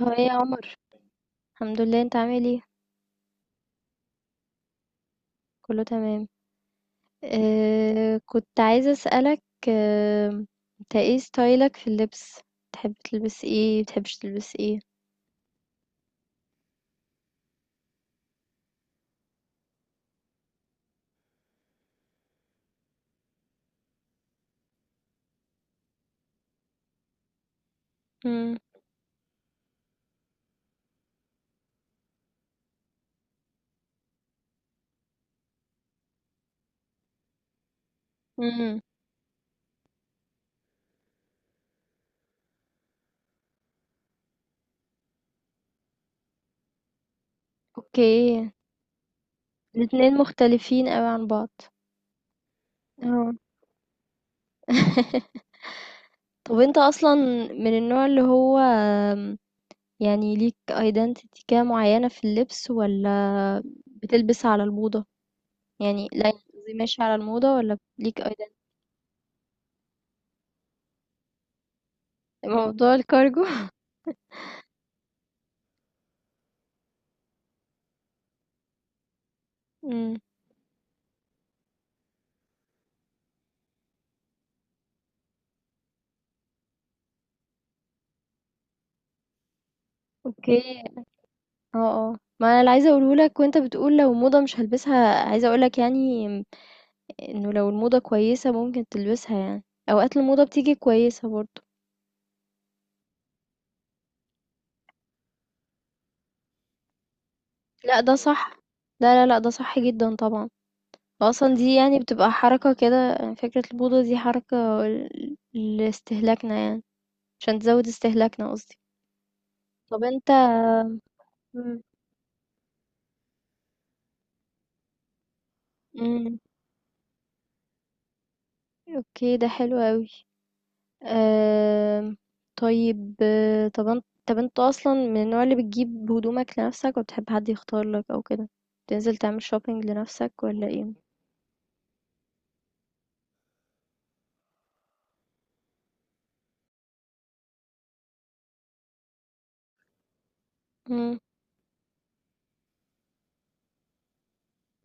هو ايه يا عمر؟ الحمد لله، انت عامل ايه؟ كله تمام. آه، كنت عايزة اسألك. آه، انت ايه ستايلك في اللبس؟ تحب تلبس ايه، بتحبش تلبس ايه؟ مم. مم. اوكي، الاتنين مختلفين قوي عن بعض. اه. طب انت اصلا من النوع اللي هو يعني ليك ايدنتيتي كده معينة في اللبس، ولا بتلبس على الموضة؟ يعني لا، قصدي ماشي على الموضة ولا ليك ايدنتيتي؟ موضوع الكارجو. اوكي. اه اه، ما انا اللي عايزه اقوله لك وانت بتقول لو موضه مش هلبسها، عايزه اقول لك يعني انه لو الموضه كويسه ممكن تلبسها يعني. اوقات الموضه بتيجي كويسه برضو. لا، ده صح. لا لا لا، ده صح جدا طبعا. اصلا دي يعني بتبقى حركه كده، يعني فكره الموضه دي حركه لاستهلاكنا يعني، عشان تزود استهلاكنا قصدي. طب انت. مم. مم. اوكي، ده حلو قوي. آمم، طيب طَب أنت أصلًا من النوع اللي بتجيب هدومك لنفسك والّا بتحب حد يختار لك أو كده؟ بتنزل تعمل shopping لنفسك والّا إيه؟ إمم.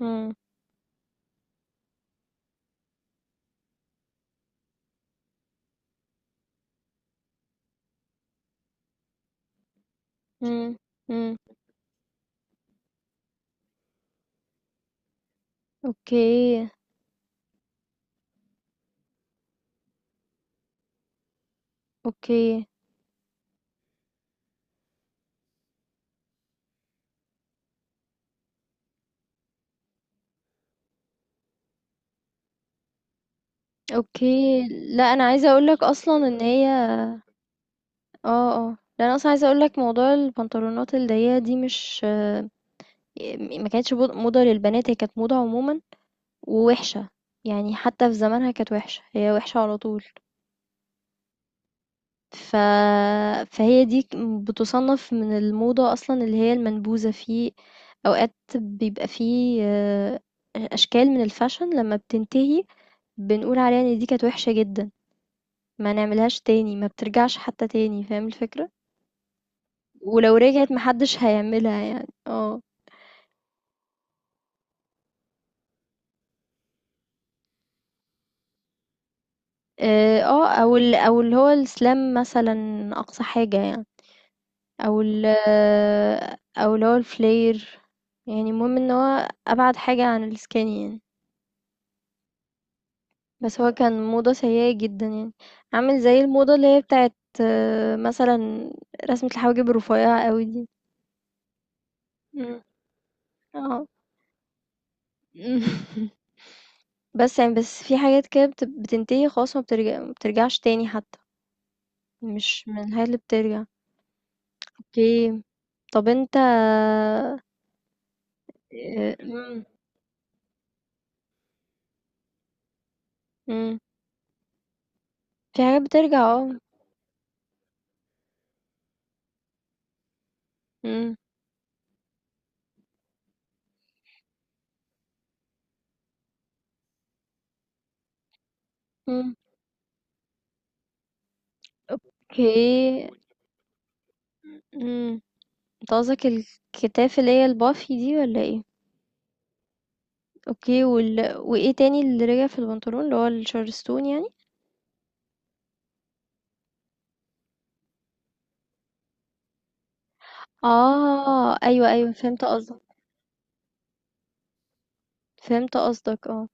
إمم. إمم. إمم. أوكي. أوكي. أوكي. لأ، أنا عايزة أقول لك أصلًا إن هي آه، آه. لأ، أنا أصلًا عايزة أقول لك موضوع البنطلونات الضيّقة دي مش ما كانتش بود موضة للبنات، هي كانت موضة عمومًا ووِحشة، يعني حتى في زمانها كانت وِحشة، هي وِحشة على طول. ف فهي دي ك بتُصنّف من الموضة أصلًا اللي هي المنبوذة، في أوقات بيبقى في آآ أشكال من الfashion لمّا بتنتهي بنقول عليها إن دي كانت وِحشة جدًا، ما نعملهاش تاني، ما بترجعش حتى تاني، فاهم الفكرة؟ ولو رجعت ما حدش هيعملها يعني، آه. أو اللي هو الslam مثلًا أقصى حاجة يعني، أو ال أو اللي هو الflare، يعني المهم إن هو أبعد حاجة عن الskinny يعني. بس هو كان موضة سيئة جدًا يعني، عامل زي الموضة اللي هي بتاعة مثلًا رسمة الحواجب الرفيّعة أوي دي. إمم، آه. إمم. بس يعني بس في حاجات كده بتنتهي خلاص ما بترجعش تاني حتى، مش من الحاجات اللي بترجع. أوكي، طب أنت إمم، إمم، في حاجات بترجع آه، إمم، إمم، أوكي، إمم، أنت قصدك الكتاف اللي هي الbuffy دي والّا إيه؟ أوكي، وال وإيه تاني اللي رجع في البنطلون اللي هو الشارستون يعني؟ آه أيوه أيوه فهمت قصدك. فهمت قصدك، اه.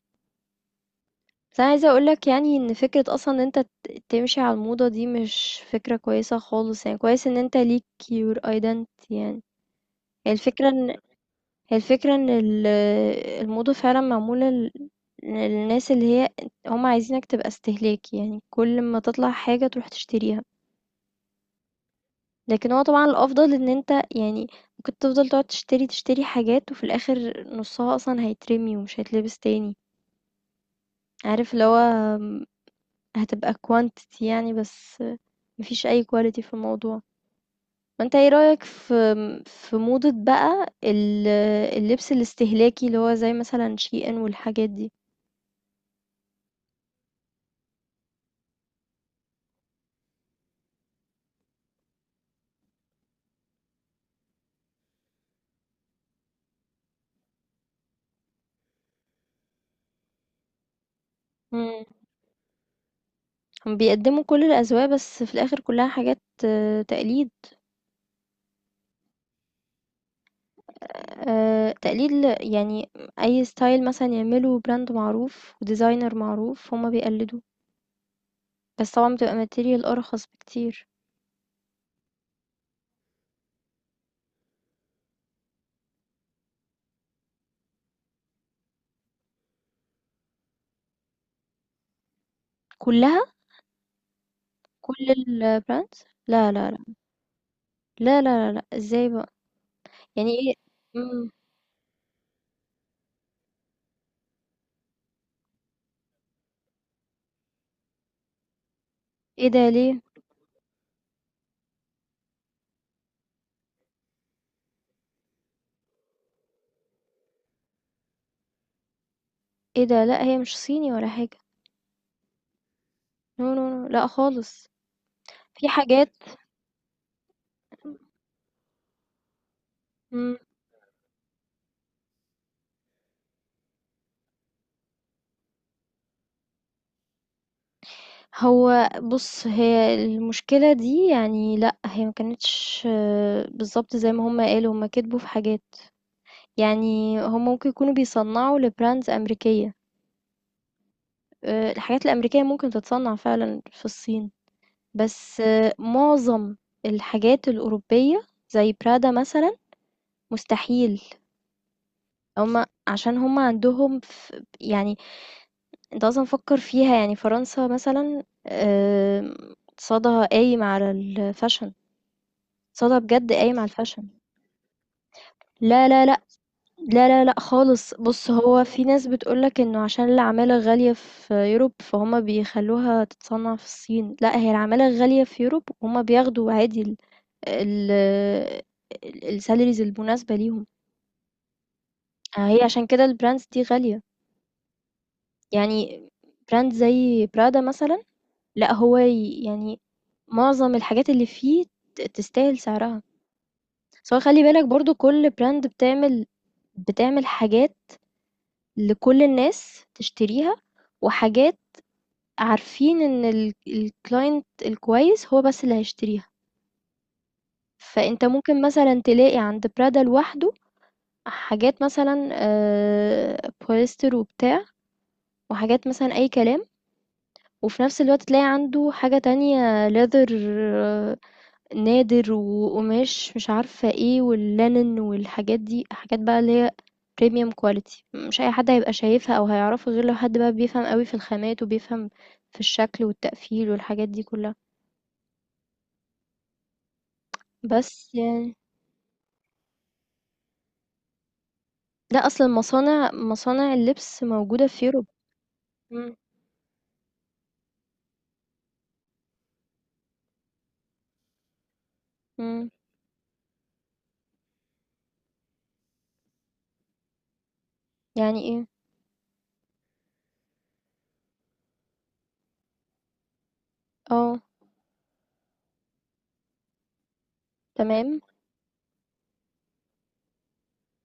بس أنا عايزة أقولك يعني إن فكرة أصلا إن أنت تمشي على الموضة دي مش فكرة كويسة خالص، يعني كويس إن أنت ليك your identity يعني. هي الفكرة إن هي الفكرة إن الموضة فعلا معمولة للناس اللي هي هم عايزينك تبقى استهلاكي، يعني كل ما تطلع حاجة تروح تشتريها. لكن هو طبعًا الأفضل إن أنت يعني ممكن تفضل تقعد تشتري، تشتري حاجات وفي الآخر نُصّها أصلًا هيترمي ومش هيتلبس تاني، عارف اللي هو هتبقى quantity يعني بس، ما فيش أي quality في الموضوع. فأنت إيه رأيك في في موضة بقى اللبس الاستهلاكي اللي هو زي مثلًا SHEIN والحاجات دي؟ إمم. هم بيقدّموا كل الأذواق بس في الآخر كلها حاجات تقليد. تقليد يعني أي style مثلًا يعمله brand معروف وdesigner معروف هُم بيقلّدوه، بس طبعًا بتبقى material أرخص بكتير. كُلّها؟ كل الbrands؟ لا، لا، لأ. لا، لا، لا، لأ، إزاي بقى؟ يعني إيه. إمم. إيه ده ليه؟ إيه ده؟ لأ، هي مش صيني ولا حاجة. No no no، لأ خالص. في حاجات. إمم. هو بُص، هي المشكلة دي يعني لأ، هي ما كانتش بالضبط زي ما هُم قالوا، هُم كدبوا في حاجات. يعني هم ممكن يكونوا بيصنّعوا لbrands أمريكية، الحاجات الأمريكية ممكن تتصنّع فعلًا في الصين، بس معظم الحاجات الأوروبية زي prada مثلًا مستحيل، هم عشان هم عندهم يعني أنت أصلًا فكّر فيها، يعني فرنسا مثلًا آمم اقتصادها قايم على الfashion، اقتصادها بجد قايم على الfashion. لا، لا، لا لا لا خالص، بص هو في ناس بتقولك انه عشان العمالة غالية في يوروب فهما بيخلوها تتصنع في الصين، لا هي العمالة غالية في يوروب وهما بياخدوا عادي ال السالاريز المناسبة ليهم. هي عشان كده البراندز دي غالية يعني، براند زي برادا مثلا لا هو يعني معظم الحاجات اللي فيه تستاهل سعرها، سواء خلي بالك برضو كل براند بتعمل حاجات لكل الناس تشتريها، وحاجات عارفين إن الclient الكويس هو بس اللي هيشتريها، فأنت ممكن مثلًا تلاقي عند prada لوحده حاجات مثلًا بوليستر وبتاع، وحاجات مثلًا أي كلام، وفي نفس الوقت تلاقي عنده حاجة تانية leather آه، نادر وقماش مش عارفة إيه والlinen والحاجات دي، حاجات بقى اللي هي premium quality، مش أي حد هيبقى شايفها أو هيعرفها غير لو حد بقى بيفهم أوي في الخامات وبيفهم في الشكل والتقفيل والحاجات دي كلها، بس يعني لأ، أصل المصانع اللبس موجودة في Europe. إمم، إمم. يعني إيه؟ آه، تمام،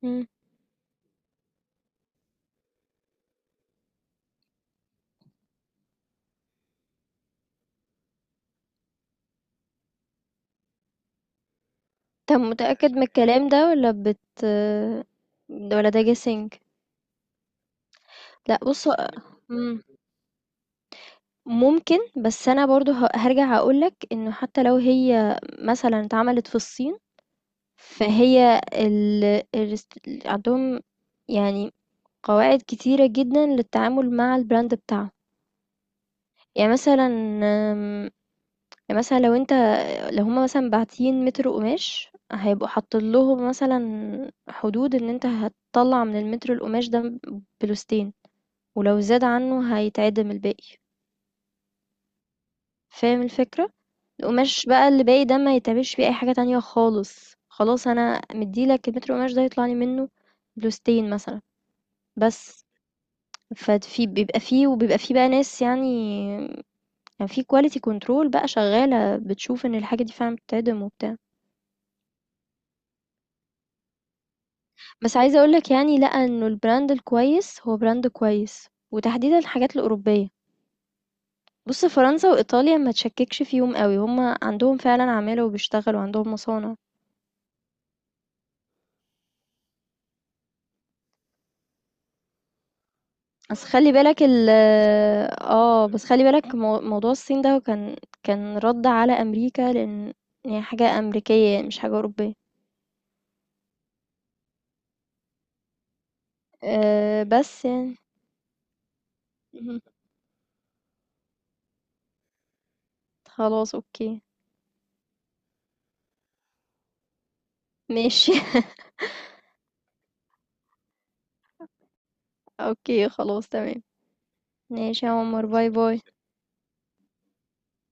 إمم. طب متأكد من الكلام ده والّا والّا ده guessing؟ لأ بُص هو إمم، ممكن، بس أنا برضه هارجع أقول لك إنه حتى لو هي مثلًا اتعملت في الصين، فهي الست عندهم يعني قواعد كتيرة جدًا للتعامل مع الbrand بتاعهم. يعني مثلًا يعني مثلا لو انت لو هما مثلا باعتين متر قماش هيبقوا حاطين لهم مثلا حدود ان انت هتطلع من المتر القماش ده بلوستين، ولو زاد عنه هيتعدم الباقي. فاهم الفكرة؟ القماش بقى اللي باقي ده ما يتعملش بيه اي حاجة تانية خالص، خلاص انا مديلك المتر القماش ده يطلع لي منه بلوستين مثلا بس. بيبقى فيه وبيبقى فيه بقى ناس يعني، يعني في كواليتي كنترول بقى شغالة بتشوف ان الحاجة دي فعلا بتتعدم وبتاع. بس عايزة اقولك يعني لأ انه البراند الكويس هو براند كويس وتحديدا الحاجات الأوروبية. بص فرنسا وإيطاليا ما تشككش فيهم قوي، هما عندهم فعلا عمالة وبيشتغلوا عندهم مصانع. بس خلي بالك ال اه بس خلي بالك موضوع الصين ده كان رد على أمريكا لأن هي حاجة أمريكية يعني مش حاجة أوروبية. أه بس يعني مهم. خلاص اوكي، ماشي. اوكي خلاص تمام. ماشي يا عمر، باي باي.